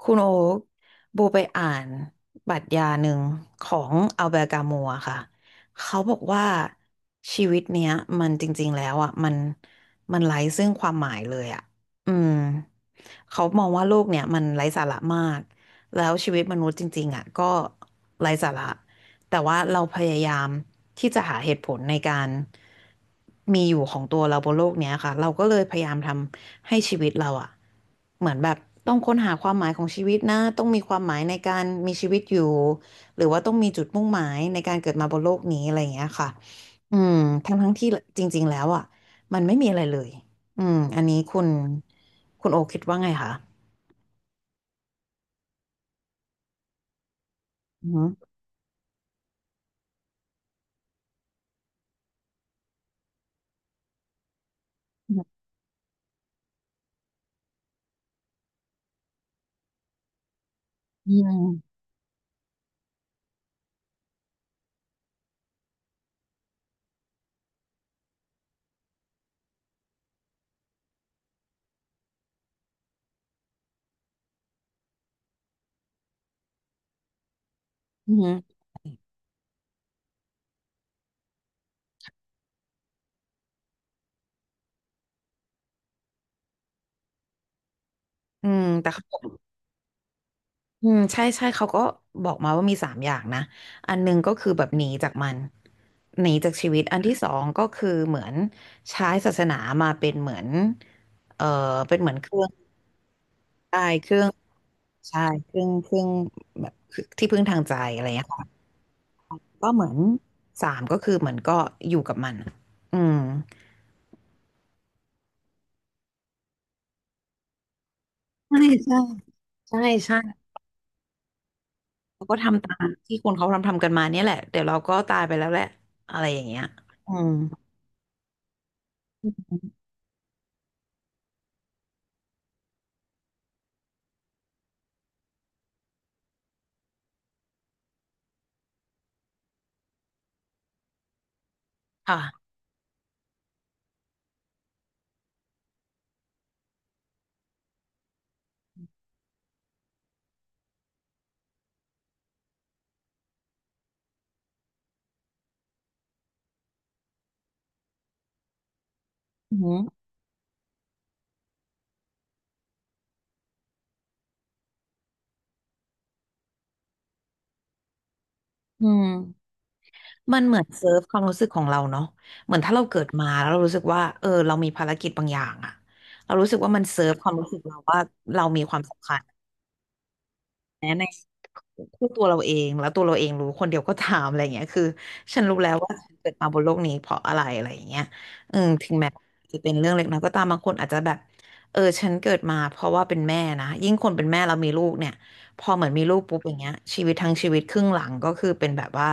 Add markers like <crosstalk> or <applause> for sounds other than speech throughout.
คุณโอ๊กโบไปอ่านปรัชญาหนึ่งของอัลเบร์ตกามัวค่ะเขาบอกว่าชีวิตเนี้ยมันจริงๆแล้วอ่ะมันไร้ซึ่งความหมายเลยอ่ะอืม เขามองว่าโลกเนี่ยมันไร้สาระมาก แล้วชีวิตมนุษย์จริงๆอ่ะก็ไร้สาระแต่ว่าเราพยายามที่จะหาเหตุผลในการมีอยู่ของตัวเราบนโลกเนี้ยค่ะเราก็เลยพยายามทำให้ชีวิตเราอ่ะเหมือนแบบต้องค้นหาความหมายของชีวิตนะต้องมีความหมายในการมีชีวิตอยู่หรือว่าต้องมีจุดมุ่งหมายในการเกิดมาบนโลกนี้อะไรอย่างเงี้ยค่ะอืมทั้งที่จริงๆแล้วอ่ะมันไม่มีอะไรเลย อืมอันนี้คุณโอคิดว่าไงคะอืมอืมอืมอืมแต่เขาบอกอืมใช่ใช่เขาก็บอกมาว่ามีสามอย่างนะ อันหนึงก็คือแบบหนีจากมันหนีจากชีวิตอันที่สองก็คือเหมือนใช้ศาสนามาเป็นเหมือนเอ่อเป็นเหมือนเครื่องได้เครื่องใช่เครื่องแบบที่พึ่งทางใจอะไรอย่างเงี้ยค่ะก็เหมือนสามก็คือเหมือนก็อยู่กับมันอืม ใช่ใช่ใช่ใช่เราก็ทำตามที่คนเขาทำกันมาเนี่ยแหละเดี๋ยวเราก็ตายไปแล้วแหละอะไรอย่างเงี้ยอืมค่ะอืมอืมมันเหมือนเซิร์ฟความรู้สึกของเราเนาะเหมือนถ้าเราเกิดมาแล้วเรารู้สึกว่าเออเรามีภารกิจบางอย่างอะเรารู้สึกว่ามันเซิร์ฟความรู้สึกเราว่าเรามีความสำคัญ แม้ในคู่ตัวเราเองแล้วตัวเราเองรู้คนเดียวก็ถามอะไรเงี้ยคือฉันรู้แล้วว่าฉันเกิดมาบนโลกนี้เพราะอะไรอะไรอย่างเงี้ยอืมถึงแม้จะเป็นเรื่องเล็กน้อยก็ตามบางคนอาจจะแบบเออฉันเกิดมาเพราะว่าเป็นแม่นะยิ่งคนเป็นแม่เรามีลูกเนี่ยพอเหมือนมีลูกปุ๊บอย่างเงี้ยชีวิตทั้งชีวิตครึ่งหลังก็คือเป็นแบบว่า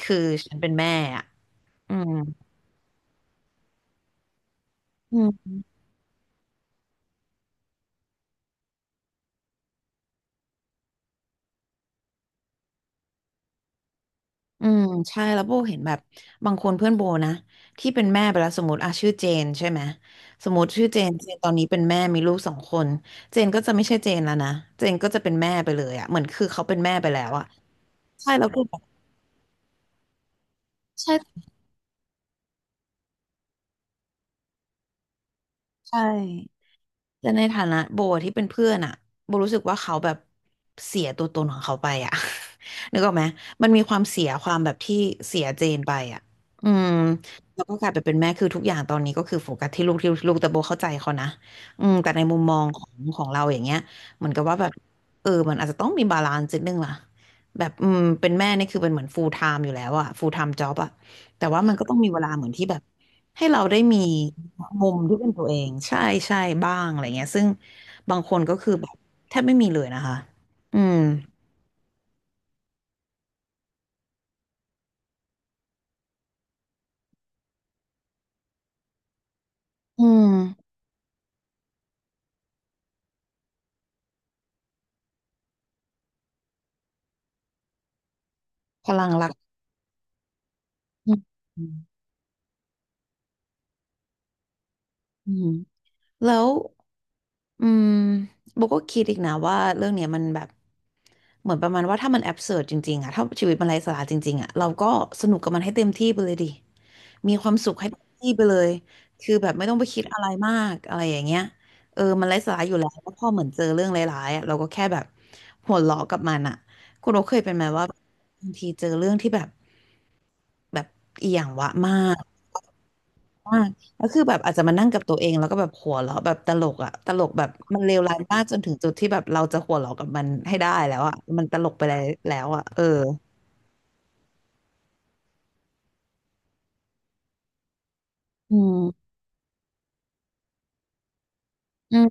คือฉันเป็นแม่อะอืม อืมใช่แล้วโบเห็นแบบบางคนเพื่อนโบนะที่เป็นแม่ไปแล้วสมมติอ่ะชื่อเจนใช่ไหมสมมติชื่อเจนเจนตอนนี้เป็นแม่มีลูกสองคนเจนก็จะไม่ใช่เจนแล้วนะเจนก็จะเป็นแม่ไปเลยอ่ะเหมือนคือเขาเป็นแม่ไปแล้วอ่ะใช่แล้วก็แบบใช่ใช่ แต่ในฐานะโบที่เป็นเพื่อนอะโบรู้สึกว่าเขาแบบเสียตัวตนของเขาไปอะ <laughs> นึกออกไหมมันมีความเสียความแบบที่เสียเจนไปอะอืมแล้วก็กลายไปเป็นแม่คือทุกอย่างตอนนี้ก็คือโฟกัสที่ลูกที่ลูกแต่โบเข้าใจเขานะอืมแต่ในมุมมองของเราอย่างเงี้ยเหมือนกับว่าแบบเออมันอาจจะต้องมีบาลานซ์นิดนึงล่ะแบบอืมเป็นแม่นี่คือเป็นเหมือน full time อยู่แล้วอะ full time job อะแต่ว่ามันก็ต้องมีเวลาเหมือนที่แบบ ให้เราได้มีมุมที่เป็นตัวเองใช่ใช่บ้างอะไรเงี้ยซึ่งบางคนก็คือแบบแทบไม่มีเลยนะคะอืมอืมพลังรักอืมอืมแล้ว อืมโบก็คิดอีกนะว่าเรื่องเนี้ยมันแบบเหมือนประมาณว่าถ้ามันแอบเสิร์จริงๆอะถ้าชีวิตมันไร้สาระจริงๆอะเราก็สนุกกับมันให้เต็มที่ไปเลยดิมีความสุขให้เต็มที่ไปเลยคือแบบไม่ต้องไปคิดอะไรมากอะไรอย่างเงี้ยเออมันไร้สาระอยู่แล้วแล้วพอเหมือนเจอเรื่องร้ายๆอะเราก็แค่แบบหัวเราะกับมันอะคุณโอเคยเป็นไหมว่าบางทีเจอเรื่องที่แบบแบบอีหยังวะมาก มากแล้วคือแบบอาจจะมานั่งกับตัวเองแล้วก็แบบหัวเราะแบบตลกอะตลกแบบมันเลวร้ายมากจนถึงจุดที่แบบเราจะหัวเราะกับมันให้ได้แล้วอะมันตลกไปแล้วแล้วอะเอออืมอืม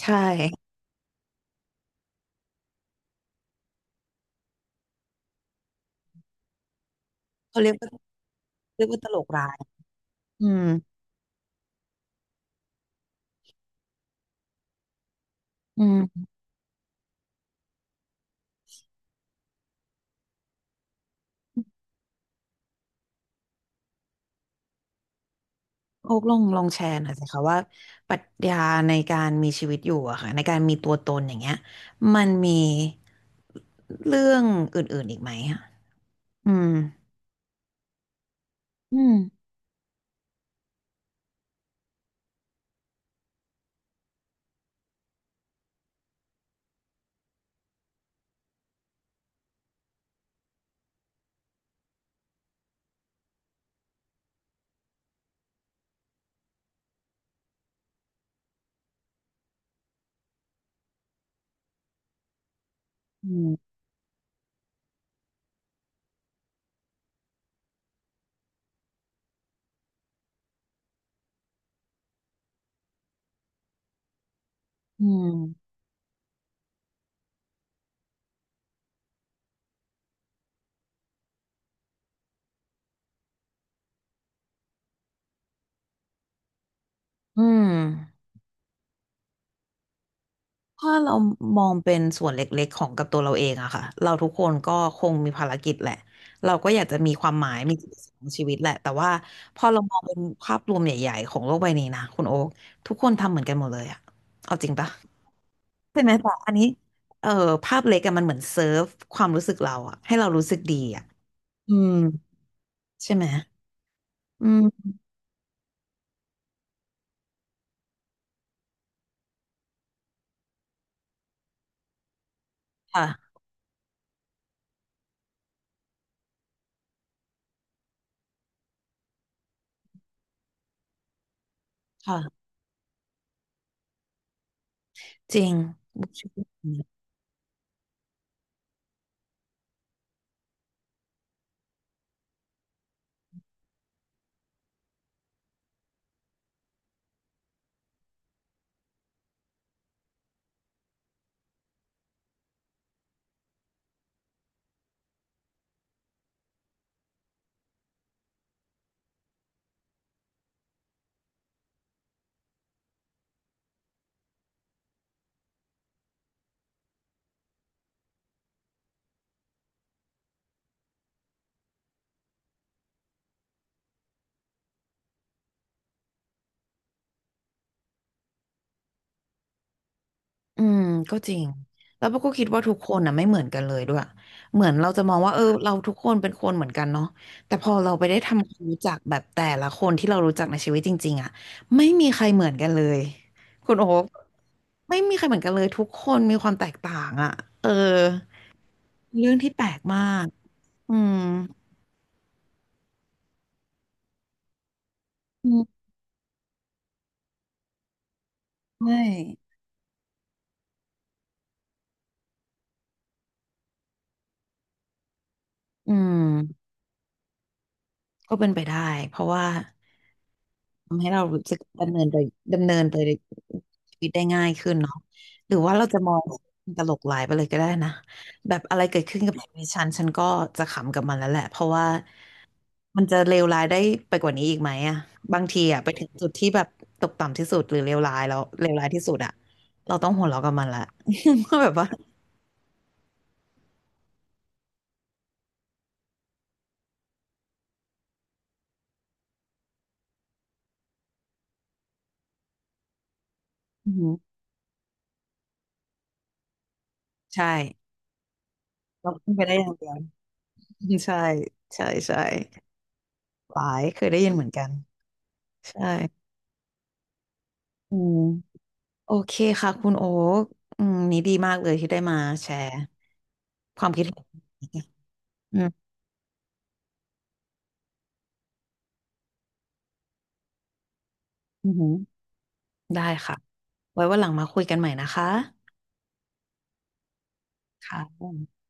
ใช่เขาเรียกว่าตลกร้ายอืมอืมโอ๊กลองลองแชร์หน่อยสิคะว่าปรัชญาในการมีชีวิตอยู่อะค่ะในการมีตัวตนอย่างเงี้ยมันมีเรื่องอื่นๆอีกไหมอะอืมอืมอืมอืมอืม ถ้าเรามองเป็นส่วนเล็กๆของกับตัวเราเองอะค่ะเราทุกคนก็คงมีภารกิจแหละเราก็อยากจะมีความหมายมีจุดประสงค์ของชีวิตแหละแต่ว่าพอเรามองเป็นภาพรวมใหญ่ๆของโลกใบนี้นะคุณโอ๊คทุกคนทำเหมือนกันหมดเลยอะเอาจริงปะใช่ไหมแต่อันนี้เออภาพเล็กอะมันเหมือนเซิร์ฟความรู้สึกเราอะให้เรารู้สึกดีอะอืมใช่ไหมอืมค่ะค่ะจริง <laughs> อืมก็จริงแล้วพวกก็คิดว่าทุกคนน่ะไม่เหมือนกันเลยด้วยเหมือนเราจะมองว่าเออเราทุกคนเป็นคนเหมือนกันเนาะแต่พอเราไปได้ทำความรู้จักแบบแต่ละคนที่เรารู้จักในชีวิตจริงๆอ่ะไม่มีใครเหมือนกันเลยคุณโอ๊คไม่มีใครเหมือนกันเลยทุกคนมีความแตกต่างอ่ะเออเรื่องที่แปลกมากอืมอืมใช่อืมก็เป็นไปได้เพราะว่า ทำให้เรารู้สึกดำเนินไปดำเนินไปชีวิตได้ง่ายขึ้นเนาะหรือว่าเราจะมองตลกหลายไปเลยก็ได้นะแบบอะไรเกิดขึ้นกับชีวิตฉันฉันก็จะขำกับมันแล้วแหละเพราะว่ามันจะเลวร้ายได้ไปกว่านี้อีกไหมอะบางทีอะไปถึงจุดที่แบบตกต่ำที่สุดหรือเลวร้ายแล้วเลวร้ายที่สุดอะเราต้องหัวเราะกับมันละ <laughs> ว่าแบบว่าอือหือใช่เราขึ้นไปได้อย่างเดียว <laughs> ใช่ใช่ใช่หลายเคยได้ยินเหมือนกันใช่อืม โอเคค่ะคุณโอ๊คอืมนี่ดีมากเลยที่ได้มาแชร์ความคิดเห็นอืมอือหือได้ค่ะ ไว้วันหลังมาคุยกันใหม่นะคะค่ะ